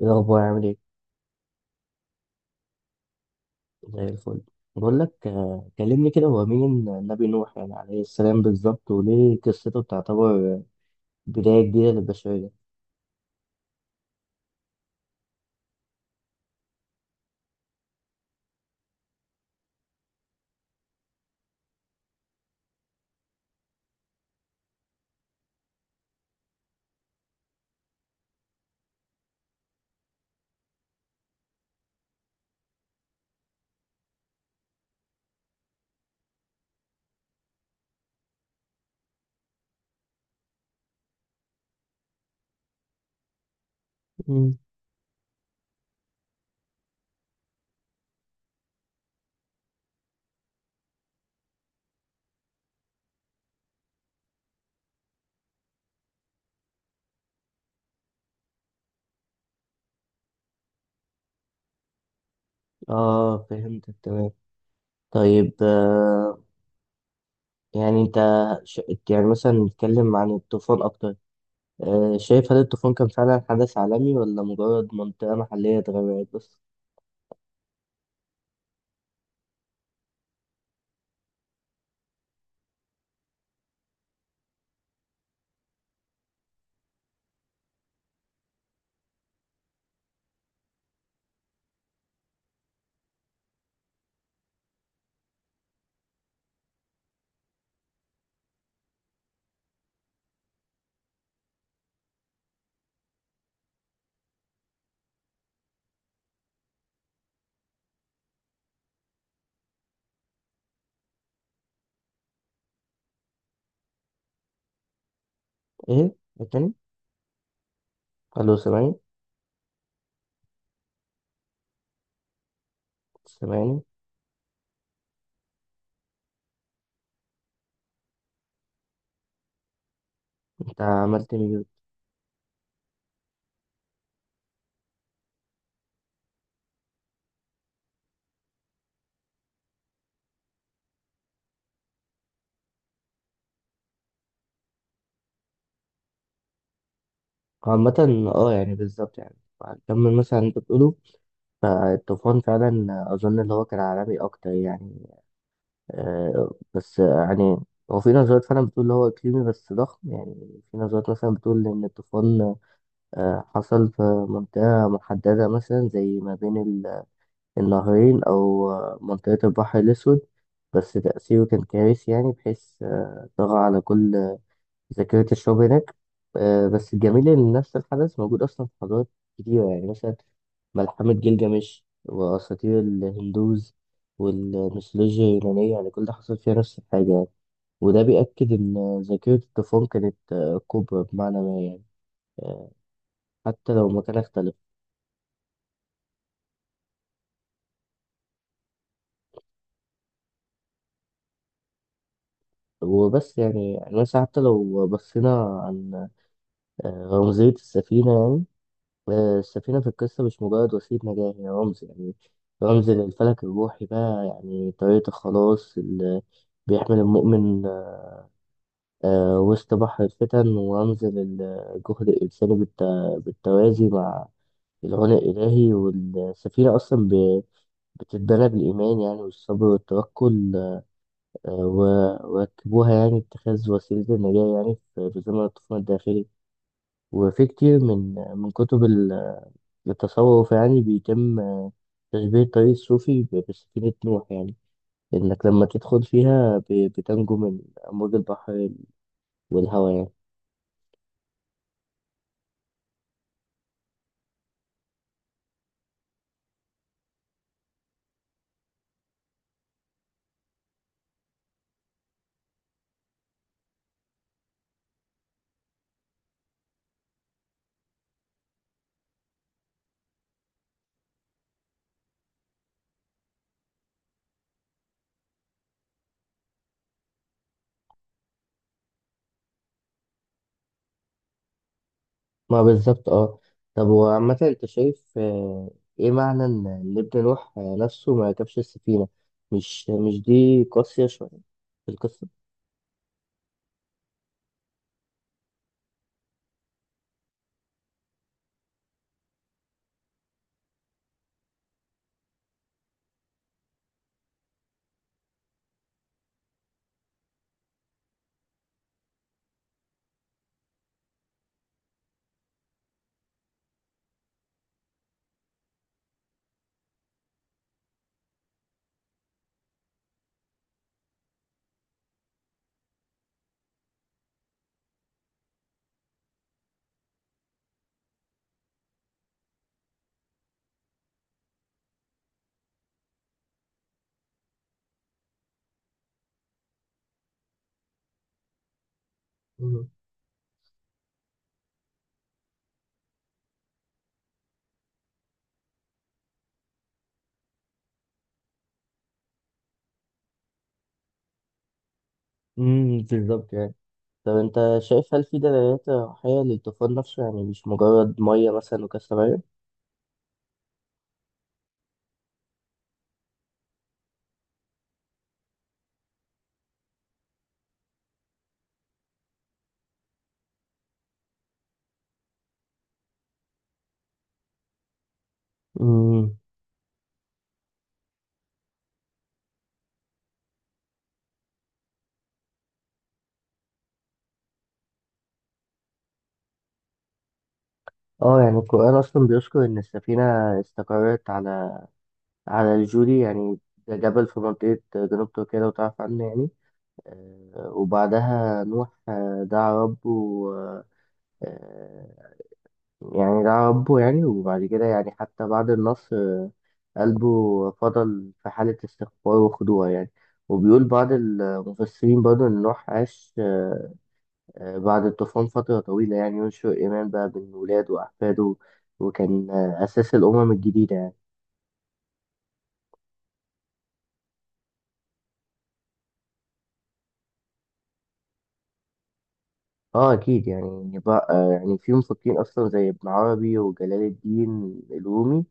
إيه الأخبار؟ عامل إيه؟ زي الفل. بقول لك كلمني كده. هو مين النبي نوح يعني عليه السلام بالظبط، وليه قصته تعتبر بداية جديدة للبشرية؟ مم. آه، فهمتك تمام. طيب يعني أنت ش... يعني مثلا نتكلم عن الطوفان أكتر. آه، شايف هل الطوفان كان فعلا حدث عالمي ولا مجرد منطقة محلية اتغيرت بس؟ إيه؟ التاني؟ ألو، سامعني؟ سامعني؟ أنت عملت ميوت. عامة اه يعني بالظبط يعني هكمل مثلا انت بتقوله. فالطوفان فعلا أظن اللي هو كان عالمي أكتر يعني، بس يعني هو في نظريات فعلا بتقول اللي هو إقليمي بس ضخم. يعني في نظريات مثلا بتقول إن الطوفان حصل في منطقة محددة، مثلا زي ما بين النهرين أو منطقة البحر الأسود، بس تأثيره كان كارثي، يعني بحيث طغى على كل ذاكرة الشعوب هناك. بس الجميل إن نفس الحدث موجود أصلا في حضارات كتيرة، يعني مثلا ملحمة جلجمش وأساطير الهندوز والميثولوجيا اليونانية، يعني كل ده حصل فيها نفس الحاجة يعني. وده بيأكد إن ذاكرة الطوفان كانت كبرى بمعنى ما يعني. آه، حتى لو مكان اختلف وبس. يعني يعني مثلا حتى لو بصينا عن رمزية السفينة يعني. السفينة في القصة مش مجرد وسيلة نجاة، هي رمز يعني، رمز للفلك الروحي بقى، يعني طريقة الخلاص اللي بيحمل المؤمن وسط بحر الفتن، وأنزل الجهد الإنساني بالتوازي مع العناء الإلهي. والسفينة أصلا بتتبنى بالإيمان يعني، والصبر والتوكل. وركبوها يعني اتخاذ وسيلة النجاة يعني، في زمن الطوفان الداخلي. وفي كتير من كتب التصوف يعني بيتم تشبيه الطريق الصوفي بسفينة نوح يعني. إنك لما تدخل فيها بتنجو من أمواج البحر والهواء يعني. ما بالظبط اه. طب وعامة انت شايف ايه معنى ان إن ابن نوح نفسه ما ركبش السفينة؟ مش دي قاسية شوية في القصة؟ مم. بالظبط يعني. طب انت شايف هل في دلالات روحية للطوفان نفسه؟ يعني مش مجرد مية مثلا وكسر مية. امم. اه يعني القرآن أصلا بيذكر إن السفينة استقرت على الجودي يعني. ده جبل في منطقة جنوب تركيا، لو تعرف عنه يعني. وبعدها نوح دعا ربه، آه، آه، يعني دعا ربه يعني، وبعد كده يعني حتى بعد النصر قلبه فضل في حالة استغفار وخضوع يعني. وبيقول بعض المفسرين برضه إن نوح عاش بعد الطوفان فترة طويلة، يعني ينشر إيمان بقى بين ولاده وأحفاده، وكان أساس الأمم الجديدة يعني. اه اكيد يعني. يعني بقى يعني في مفكرين اصلا زي ابن عربي وجلال الدين الرومي،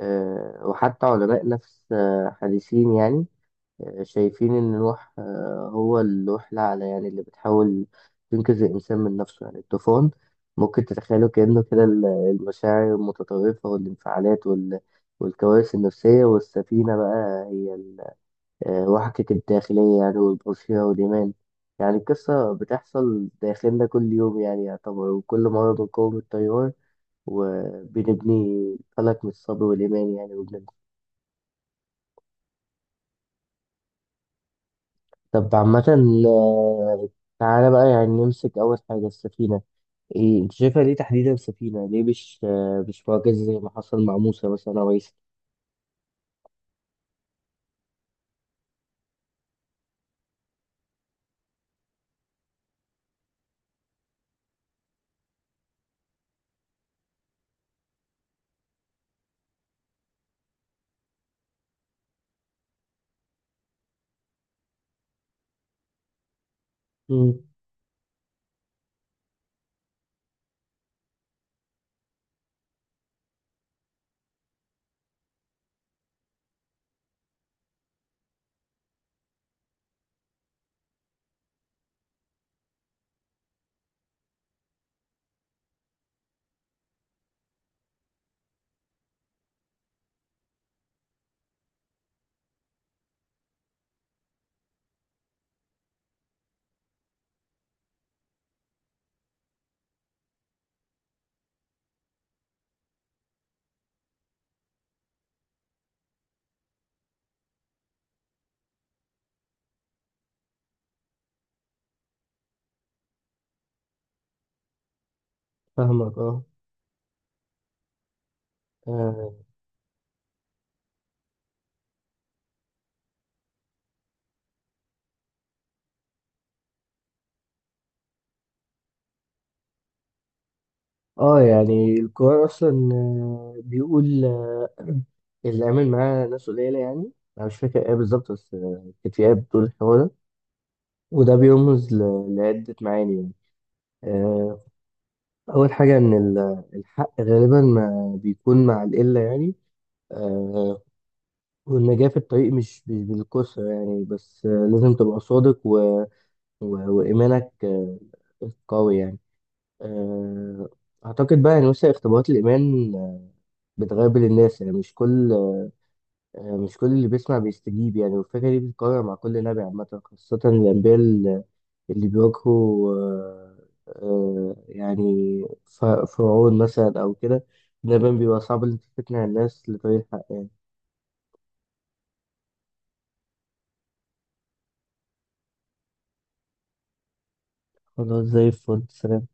وحتى علماء نفس حديثين يعني شايفين إن نوح هو اللوح الأعلى، يعني اللي بتحاول تنقذ الإنسان من نفسه. يعني الطوفان ممكن تتخيله كأنه كده المشاعر المتطرفة والانفعالات والكوارث النفسية، والسفينة بقى هي وحدة الداخلية يعني، والبوصيرة والإيمان. يعني القصة بتحصل داخلنا كل يوم يعني يعتبر، وكل مرة بنقاوم التيار وبنبني فلك من الصبر والإيمان يعني، وبنبني. طب عامة آه، تعالى بقى يعني نمسك أول حاجة السفينة. إيه أنت شايفها ليه تحديدا سفينة؟ ليه مش مش معجزة زي ما حصل مع موسى مثلا أو عيسى؟ امم. فاهمك اه. آه, آه يعني القرآن أصلا بيقول اللي آمن معاه ناس قليلة يعني. أنا مش فاكر إيه بالظبط، بس كانت في آية بتقول الحوار ده، وده بيرمز لعدة معاني يعني. آه، أول حاجة إن الحق غالبا ما بيكون مع القلة يعني. آه، والنجاة في الطريق مش بالكثرة يعني، بس لازم تبقى صادق و... وإيمانك قوي يعني. آه، أعتقد بقى يعني مثلا اختبارات الإيمان بتغير الناس. يعني مش كل مش كل اللي بيسمع بيستجيب يعني، والفكرة دي بتتكرر مع كل نبي عامة، خاصة الأنبياء اللي بيواجهوا يعني فرعون مثلا أو كده. ده بيبقى صعب إن أنت تقنع الناس لطريق الحق يعني. خلاص، زي الفل. سلام.